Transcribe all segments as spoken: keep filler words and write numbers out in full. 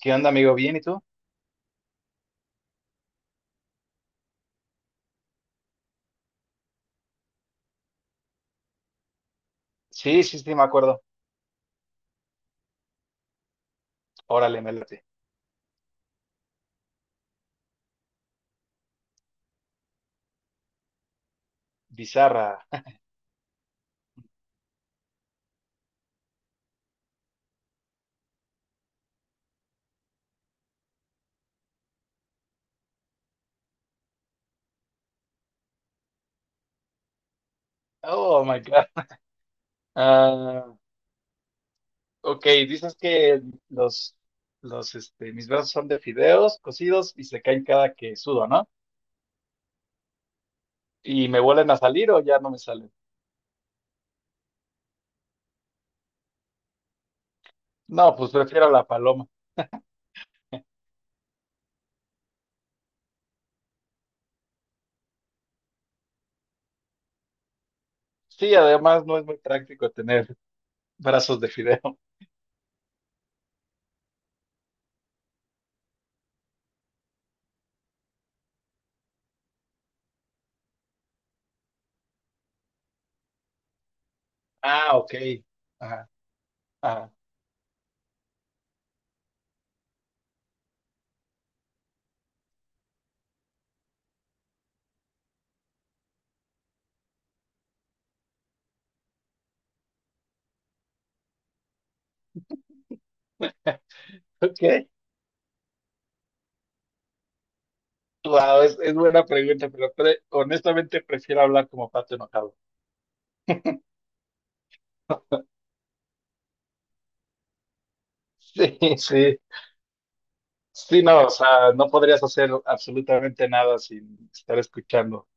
¿Qué onda, amigo? ¿Bien y tú? Sí, sí, sí, me acuerdo. Órale, me late. Bizarra. Oh my God. Ah, ok, dices que los, los, este, mis brazos son de fideos cocidos y se caen cada que sudo, ¿no? ¿Y me vuelven a salir o ya no me salen? No, pues prefiero la paloma. Sí, además no es muy práctico tener brazos de fideo. Ah, ok. Ajá, ajá. Ok. Wow, es, es buena pregunta, pero pre- honestamente prefiero hablar como pato enojado. Sí, sí. Sí, no, o sea, no podrías hacer absolutamente nada sin estar escuchando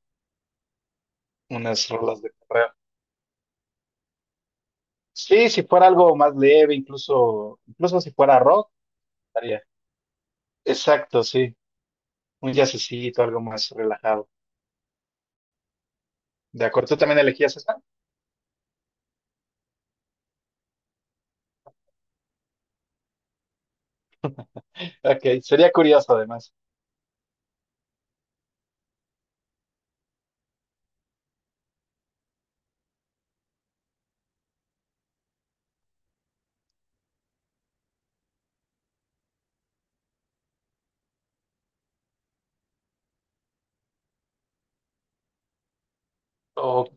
unas rolas de correo. Sí, si fuera algo más leve, incluso, incluso si fuera rock, estaría. Exacto, sí. Un jazzcito, algo más relajado. De acuerdo, ¿tú también elegías esa? Ok, sería curioso además. Ok,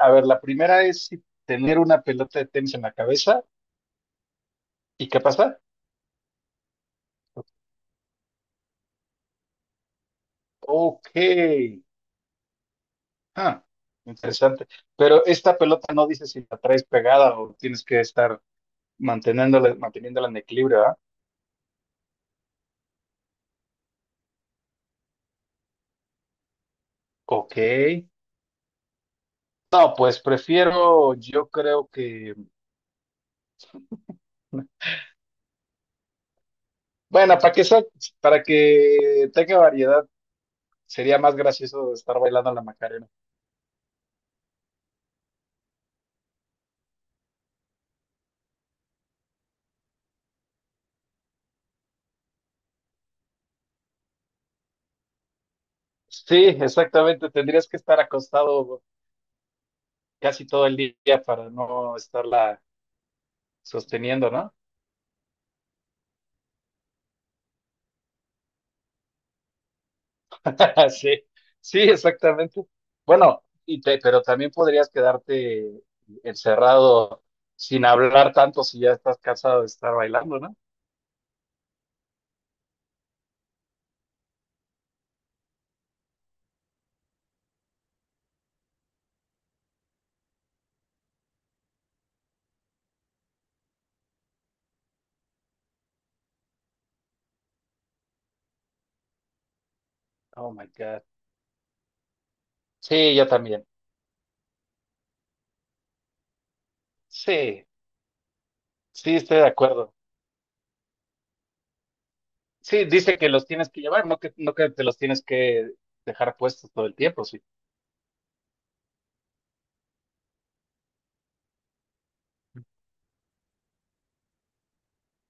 a ver, la primera es si tener una pelota de tenis en la cabeza. ¿Y qué pasa? Ok. Ah, interesante. Pero esta pelota no dice si la traes pegada o tienes que estar manteniéndola, manteniéndola en equilibrio, ¿verdad? Ok. No, pues prefiero, yo creo que, bueno, para que sea- para que tenga variedad, sería más gracioso estar bailando la Macarena. Sí, exactamente, tendrías que estar acostado casi todo el día para no estarla sosteniendo, ¿no? Sí, sí, exactamente. Bueno, y te- pero también podrías quedarte encerrado sin hablar tanto si ya estás cansado de estar bailando, ¿no? Oh my God. Sí, yo también. Sí, sí, estoy de acuerdo. Sí, dice que los tienes que llevar, no que, no que te los tienes que dejar puestos todo el tiempo, sí.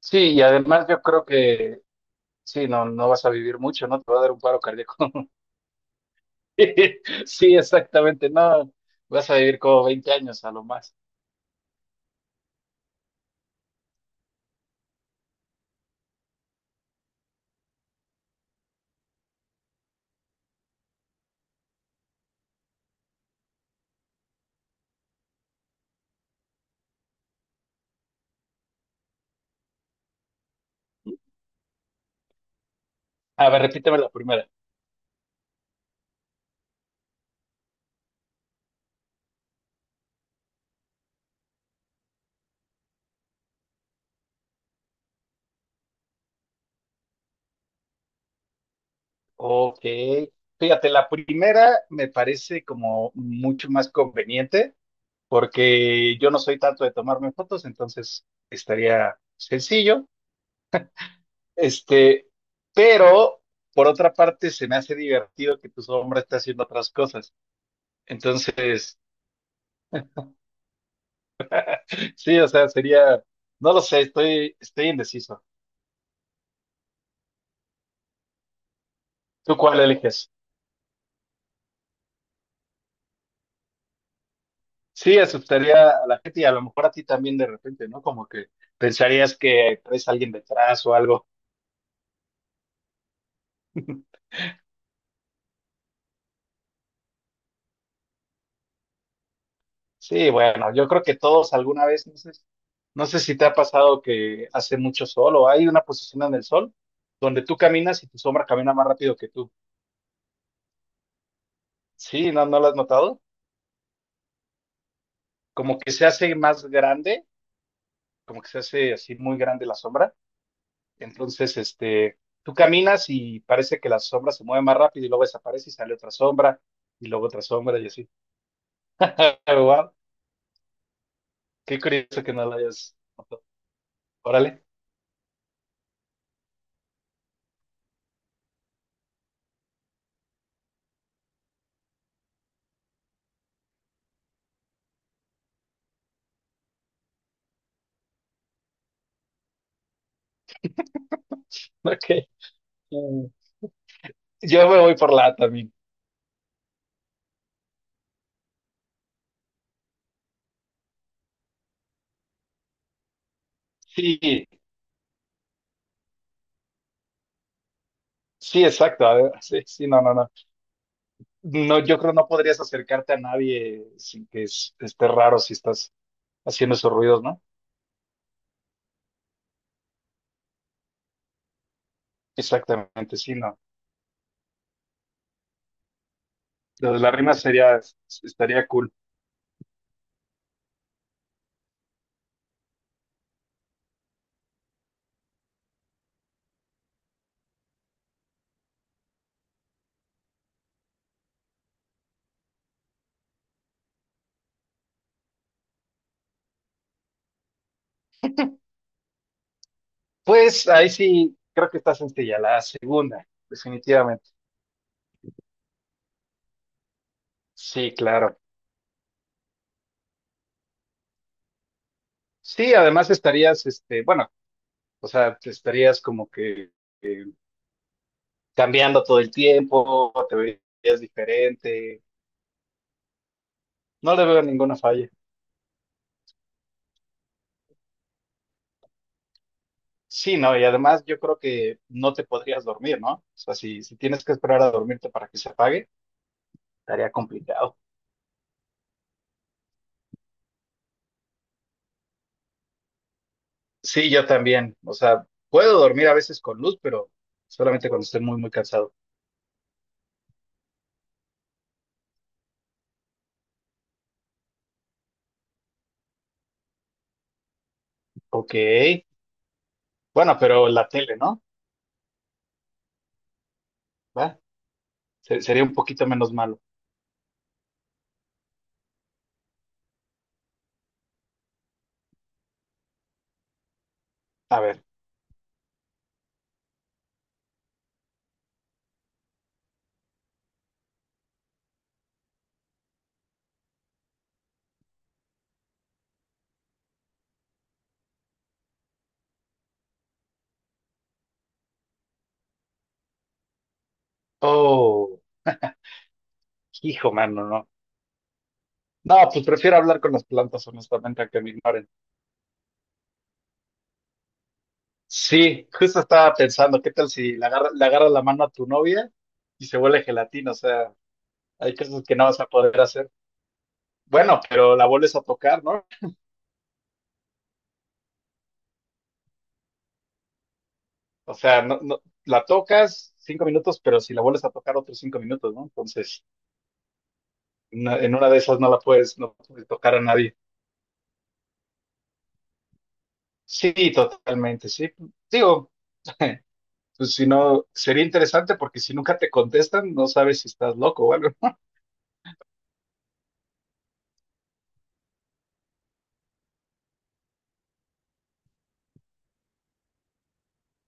Sí, y además yo creo que sí, no, no vas a vivir mucho, ¿no? Te va a dar un paro cardíaco. Sí, exactamente, no. Vas a vivir como veinte años a lo más. A ver, repíteme la primera. Ok. Fíjate, la primera me parece como mucho más conveniente porque yo no soy tanto de tomarme fotos, entonces estaría sencillo. Este, pero por otra parte se me hace divertido que tu sombra está haciendo otras cosas. Entonces, sí, o sea, sería, no lo sé, estoy, estoy indeciso. ¿Tú cuál eliges? Sí, asustaría a la gente y a lo mejor a ti también de repente, ¿no? Como que pensarías que traes a alguien detrás o algo. Sí, bueno, yo creo que todos alguna vez, no sé, no sé si te ha pasado que hace mucho sol o hay una posición en el sol donde tú caminas y tu sombra camina más rápido que tú. Sí, ¿no, no lo has notado? Como que se hace más grande, como que se hace así muy grande la sombra. Entonces, este, tú caminas y parece que la sombra se mueve más rápido y luego desaparece y sale otra sombra y luego otra sombra y así. Wow, qué curioso que no la hayas notado. Órale, ok. Mm, yo me voy por la A también. Sí, sí, exacto. A ver, sí, sí, no, no, no. No, yo creo no podrías acercarte a nadie sin que es- esté raro si estás haciendo esos ruidos, ¿no? Exactamente, sí, no. Lo de la rima sería, estaría cool. Pues ahí sí, creo que está sencilla, la segunda, definitivamente. Sí, claro. Sí, además estarías, este, bueno, o sea, te estarías como que eh, cambiando todo el tiempo, te verías diferente. No le veo ninguna falla. Sí, no, y además yo creo que no te podrías dormir, ¿no? O sea, si, si tienes que esperar a dormirte para que se apague, estaría complicado. Sí, yo también. O sea, puedo dormir a veces con luz, pero solamente cuando estoy muy, muy cansado. Ok. Bueno, pero la tele, ¿no? ¿Va? Se- sería un poquito menos malo. A ver. Oh, hijo, mano, no. No, pues prefiero hablar con las plantas, honestamente, a que me ignoren. Sí, justo estaba pensando, ¿qué tal si le agarra- le agarras la mano a tu novia y se vuelve gelatina? O sea, hay cosas que no vas a poder hacer. Bueno, pero la vuelves a tocar, ¿no? O sea, no, no, la tocas cinco minutos, pero si la vuelves a tocar otros cinco minutos, ¿no? Entonces, una- en una de esas no la puedes, no puedes tocar a nadie. Sí, totalmente, sí. Digo, pues si no, sería interesante porque si nunca te contestan, no sabes si estás loco o algo.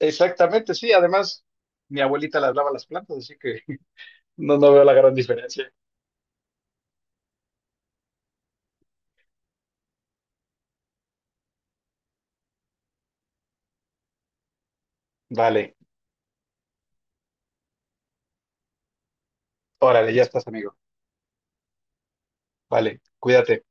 Exactamente, sí. Además, mi abuelita las lava las plantas, así que no, no veo la gran diferencia. Vale, órale, ya estás, amigo. Vale, cuídate.